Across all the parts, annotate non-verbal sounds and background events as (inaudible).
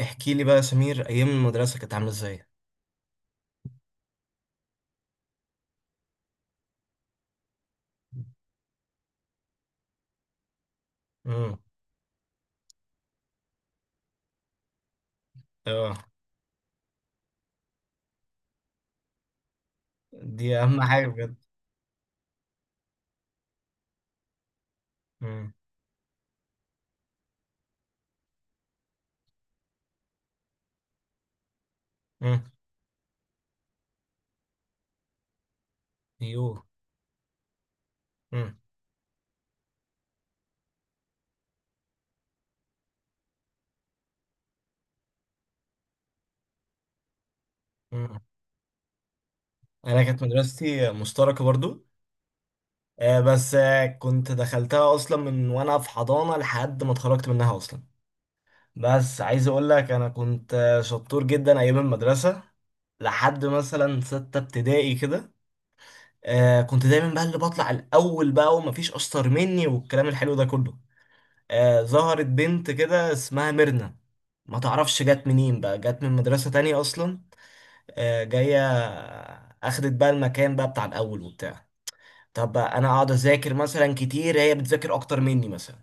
احكي لي بقى يا سمير، ايام المدرسه كانت عامله ازاي؟ امم. اه. دي اهم حاجه بجد. امم. امم. يو. امم. امم. انا كانت مدرستي مشتركه برضو. بس كنت دخلتها اصلا من وانا في حضانه لحد ما اتخرجت منها اصلا. بس عايز اقول لك انا كنت شطور جدا ايام المدرسه، لحد مثلا سته ابتدائي كده. كنت دايما بقى اللي بطلع الاول بقى، ومفيش اشطر مني والكلام الحلو ده كله. ظهرت بنت كده اسمها ميرنا، ما تعرفش جت منين بقى، جت من مدرسة تانية أصلا. جاية، أخدت بقى المكان بقى بتاع الأول وبتاع. طب بقى أنا أقعد أذاكر مثلا كتير، هي بتذاكر أكتر مني مثلا.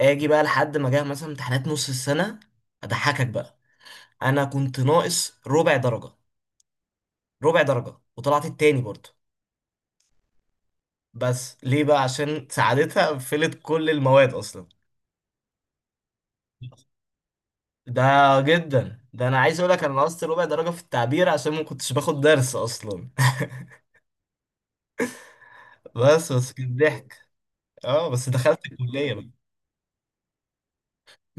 أجي بقى لحد ما جه مثلا امتحانات نص السنة، أضحكك بقى، أنا كنت ناقص ربع درجة. ربع درجة وطلعت التاني برضه. بس ليه بقى؟ عشان ساعدتها قفلت كل المواد أصلا. ده جدا، ده انا عايز اقول لك انا نقصت ربع درجه في التعبير عشان ما كنتش باخد درس اصلا. (laughs) بس بس كان ضحك. اه بس دخلت الكليه بقى.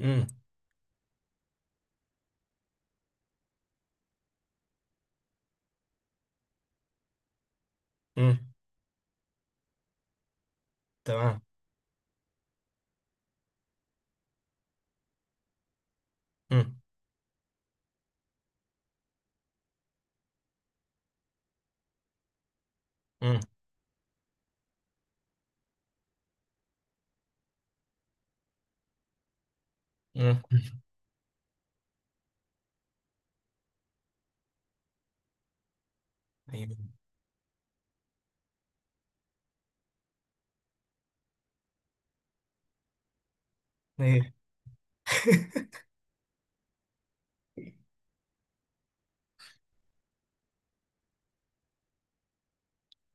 امم. امم. تمام. امم. امم. امم. ايوه. ايه. (laughs)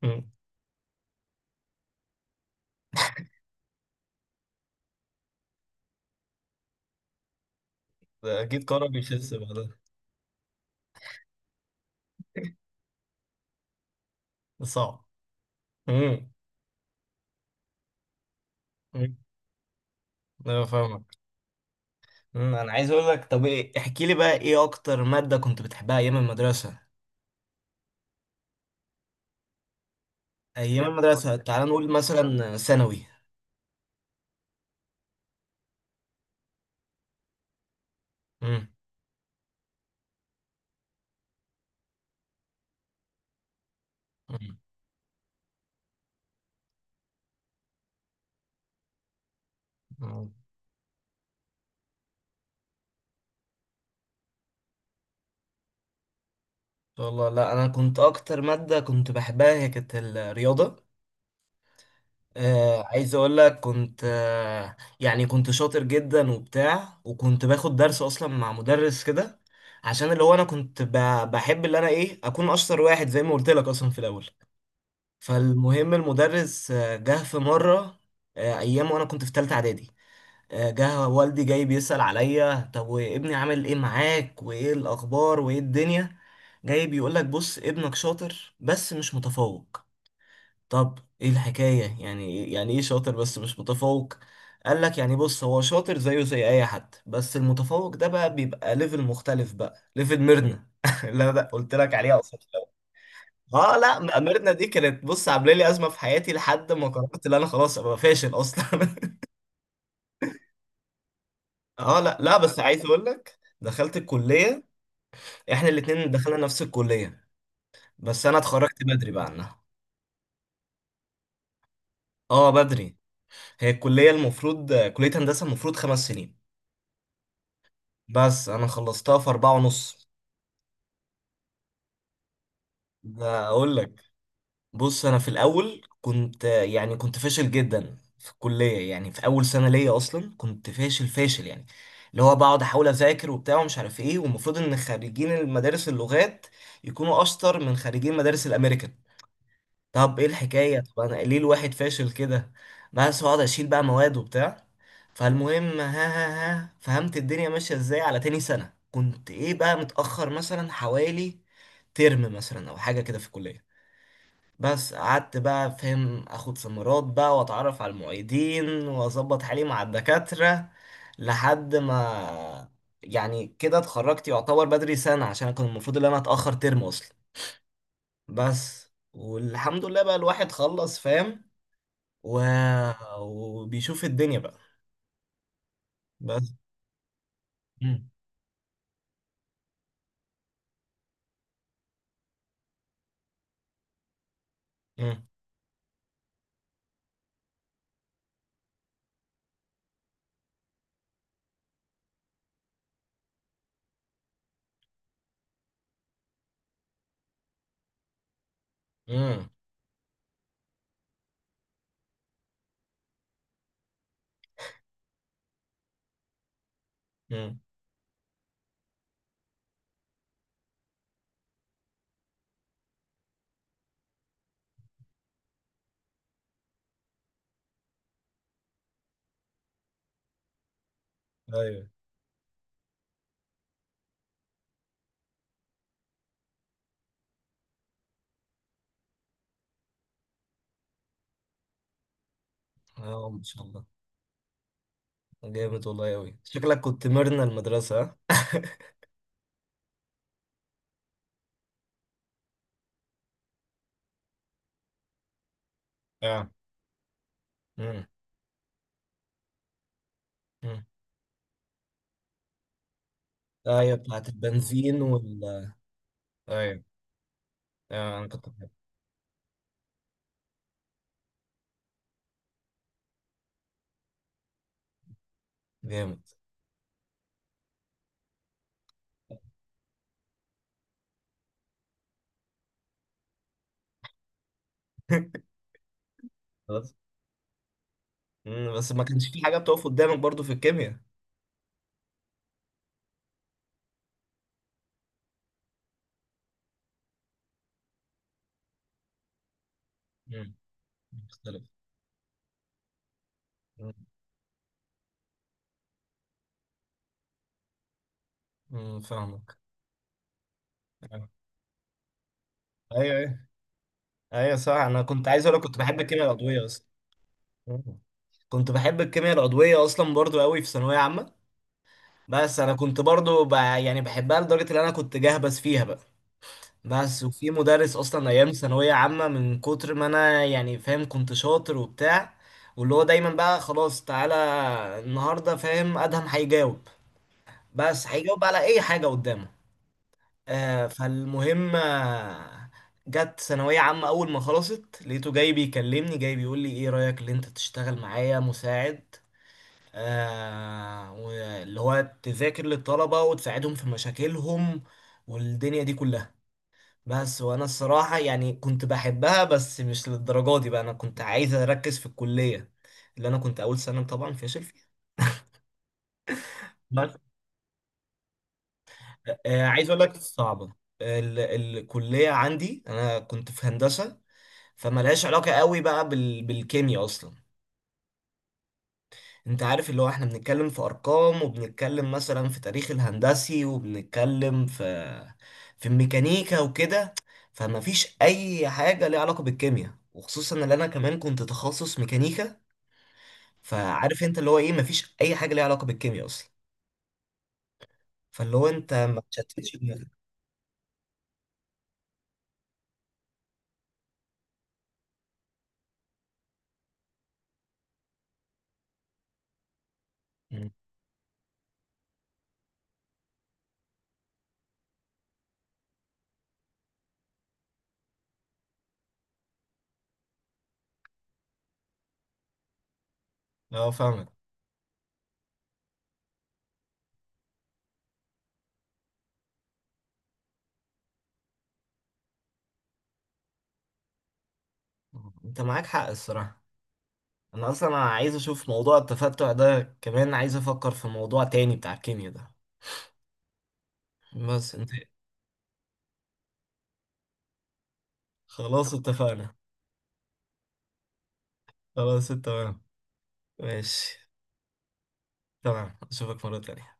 مم. ده اكيد كرم يخس بعدها. ده صعب. امم. امم. انا فاهمك. مم. انا عايز اقول لك، طب ايه، احكي لي بقى ايه اكتر ماده كنت بتحبها ايام المدرسه؟ ايام المدرسه تعال نقول مثلا ثانوي. امم. امم. امم. شاء الله. لا انا كنت اكتر ماده كنت بحبها هي كانت الرياضه. عايز اقول لك كنت يعني كنت شاطر جدا وبتاع، وكنت باخد درس اصلا مع مدرس كده عشان اللي هو انا كنت بحب اللي انا ايه اكون اشطر واحد زي ما قلت لك اصلا في الاول. فالمهم المدرس جه في مره. ايام وانا كنت في ثالثه اعدادي. جه والدي جاي بيسأل عليا، طب وابني عامل ايه معاك وايه الاخبار وايه الدنيا؟ جاي بيقول لك بص ابنك شاطر بس مش متفوق. طب ايه الحكاية؟ يعني إيه، يعني ايه شاطر بس مش متفوق؟ قال لك يعني بص، هو شاطر زيه زي اي حد، بس المتفوق ده بقى بيبقى ليفل مختلف، بقى ليفل ميرنا. (laughs) لا لا قلت لك عليها اصلا. اه لا ميرنا دي كانت بص عامله لي ازمه في حياتي لحد ما قررت ان انا خلاص ابقى فاشل اصلا. اه لا لا بس عايز اقول لك دخلت الكليه. احنا الاتنين دخلنا نفس الكليه. بس انا اتخرجت بدري بقى عنها. اه بدري. هي الكليه المفروض كليه هندسه المفروض 5 سنين، بس انا خلصتها في 4 ونص. ده اقول لك، بص انا في الاول كنت يعني كنت فاشل جدا في الكليه، يعني في اول سنه ليا اصلا كنت فاشل فاشل، يعني اللي هو بقعد احاول اذاكر وبتاع ومش عارف ايه. والمفروض ان خريجين المدارس اللغات يكونوا اشطر من خريجين مدارس الامريكان. طب ايه الحكاية؟ طب انا ليه الواحد فاشل كده؟ بس اقعد اشيل بقى مواد وبتاع. فالمهم، ها ها ها، فهمت الدنيا ماشية ازاي، على تاني سنة كنت ايه بقى متأخر مثلا حوالي ترم مثلا او حاجة كده في الكلية. بس قعدت بقى فاهم اخد سمرات بقى، واتعرف على المعيدين، واظبط حالي مع الدكاترة، لحد ما يعني كده اتخرجت يعتبر بدري سنة عشان كان المفروض ان انا اتأخر ترم اصلا. بس والحمد لله بقى الواحد خلص فاهم و... وبيشوف الدنيا بقى. بس. مم. مم. مم. مم. ايوه. اه ما شاء الله. جامد والله اوي، شكلك كنت مرنا المدرسة ها؟ (laughs) اه. مم. مم. ايوه بتاعت البنزين ايوه. اه انا كنت بحب. جامد. خلاص. مم. بس ما كانش في حاجة بتقف قدامك برضو في الكيمياء. مم. مختلف. مم. مم. فاهمك. آه. ايوه. ايوه. ايوه صح، انا كنت عايز اقول لك كنت بحب الكيمياء العضوية اصلا. مم. كنت بحب الكيمياء العضوية أصلا برضو قوي في ثانوية عامة. بس أنا كنت برضو يعني بحبها لدرجة إن أنا كنت جهبذ فيها بقى. بس وفي مدرس أصلا أيام ثانوية عامة من كتر ما أنا يعني فاهم كنت شاطر وبتاع، واللي هو دايما بقى خلاص تعالى النهاردة فاهم أدهم هيجاوب، بس هيجاوب على أي حاجة قدامه. فالمهم، جت ثانوية عامة أول ما خلصت لقيته جاي بيكلمني جاي بيقول لي إيه رأيك اللي أنت تشتغل معايا مساعد؟ واللي هو تذاكر للطلبة وتساعدهم في مشاكلهم والدنيا دي كلها. بس وانا الصراحة يعني كنت بحبها بس مش للدرجة دي بقى، انا كنت عايز اركز في الكلية اللي انا كنت اول سنة طبعا فاشل فيها. بس عايز اقول لك صعبة. ال الكلية عندي انا كنت في هندسة، فملهاش علاقة قوي بقى بالكيمياء اصلا. انت عارف اللي هو احنا بنتكلم في ارقام، وبنتكلم مثلا في تاريخ الهندسي، وبنتكلم في الميكانيكا وكده. فما فيش اي حاجه ليها علاقه بالكيمياء، وخصوصا ان انا كمان كنت تخصص ميكانيكا. فعارف انت اللي هو ايه، ما فيش اي حاجه ليها علاقه بالكيمياء اصلا. فاللي هو انت ما تشتتش دماغك. مم. اه فاهمك. انت معاك حق الصراحه. انا اصلا عايز اشوف موضوع التفتع ده، كمان عايز افكر في موضوع تاني بتاع الكيمياء ده. بس انت خلاص اتفقنا. خلاص تمام. ماشي تمام، اشوفك مرة تانية.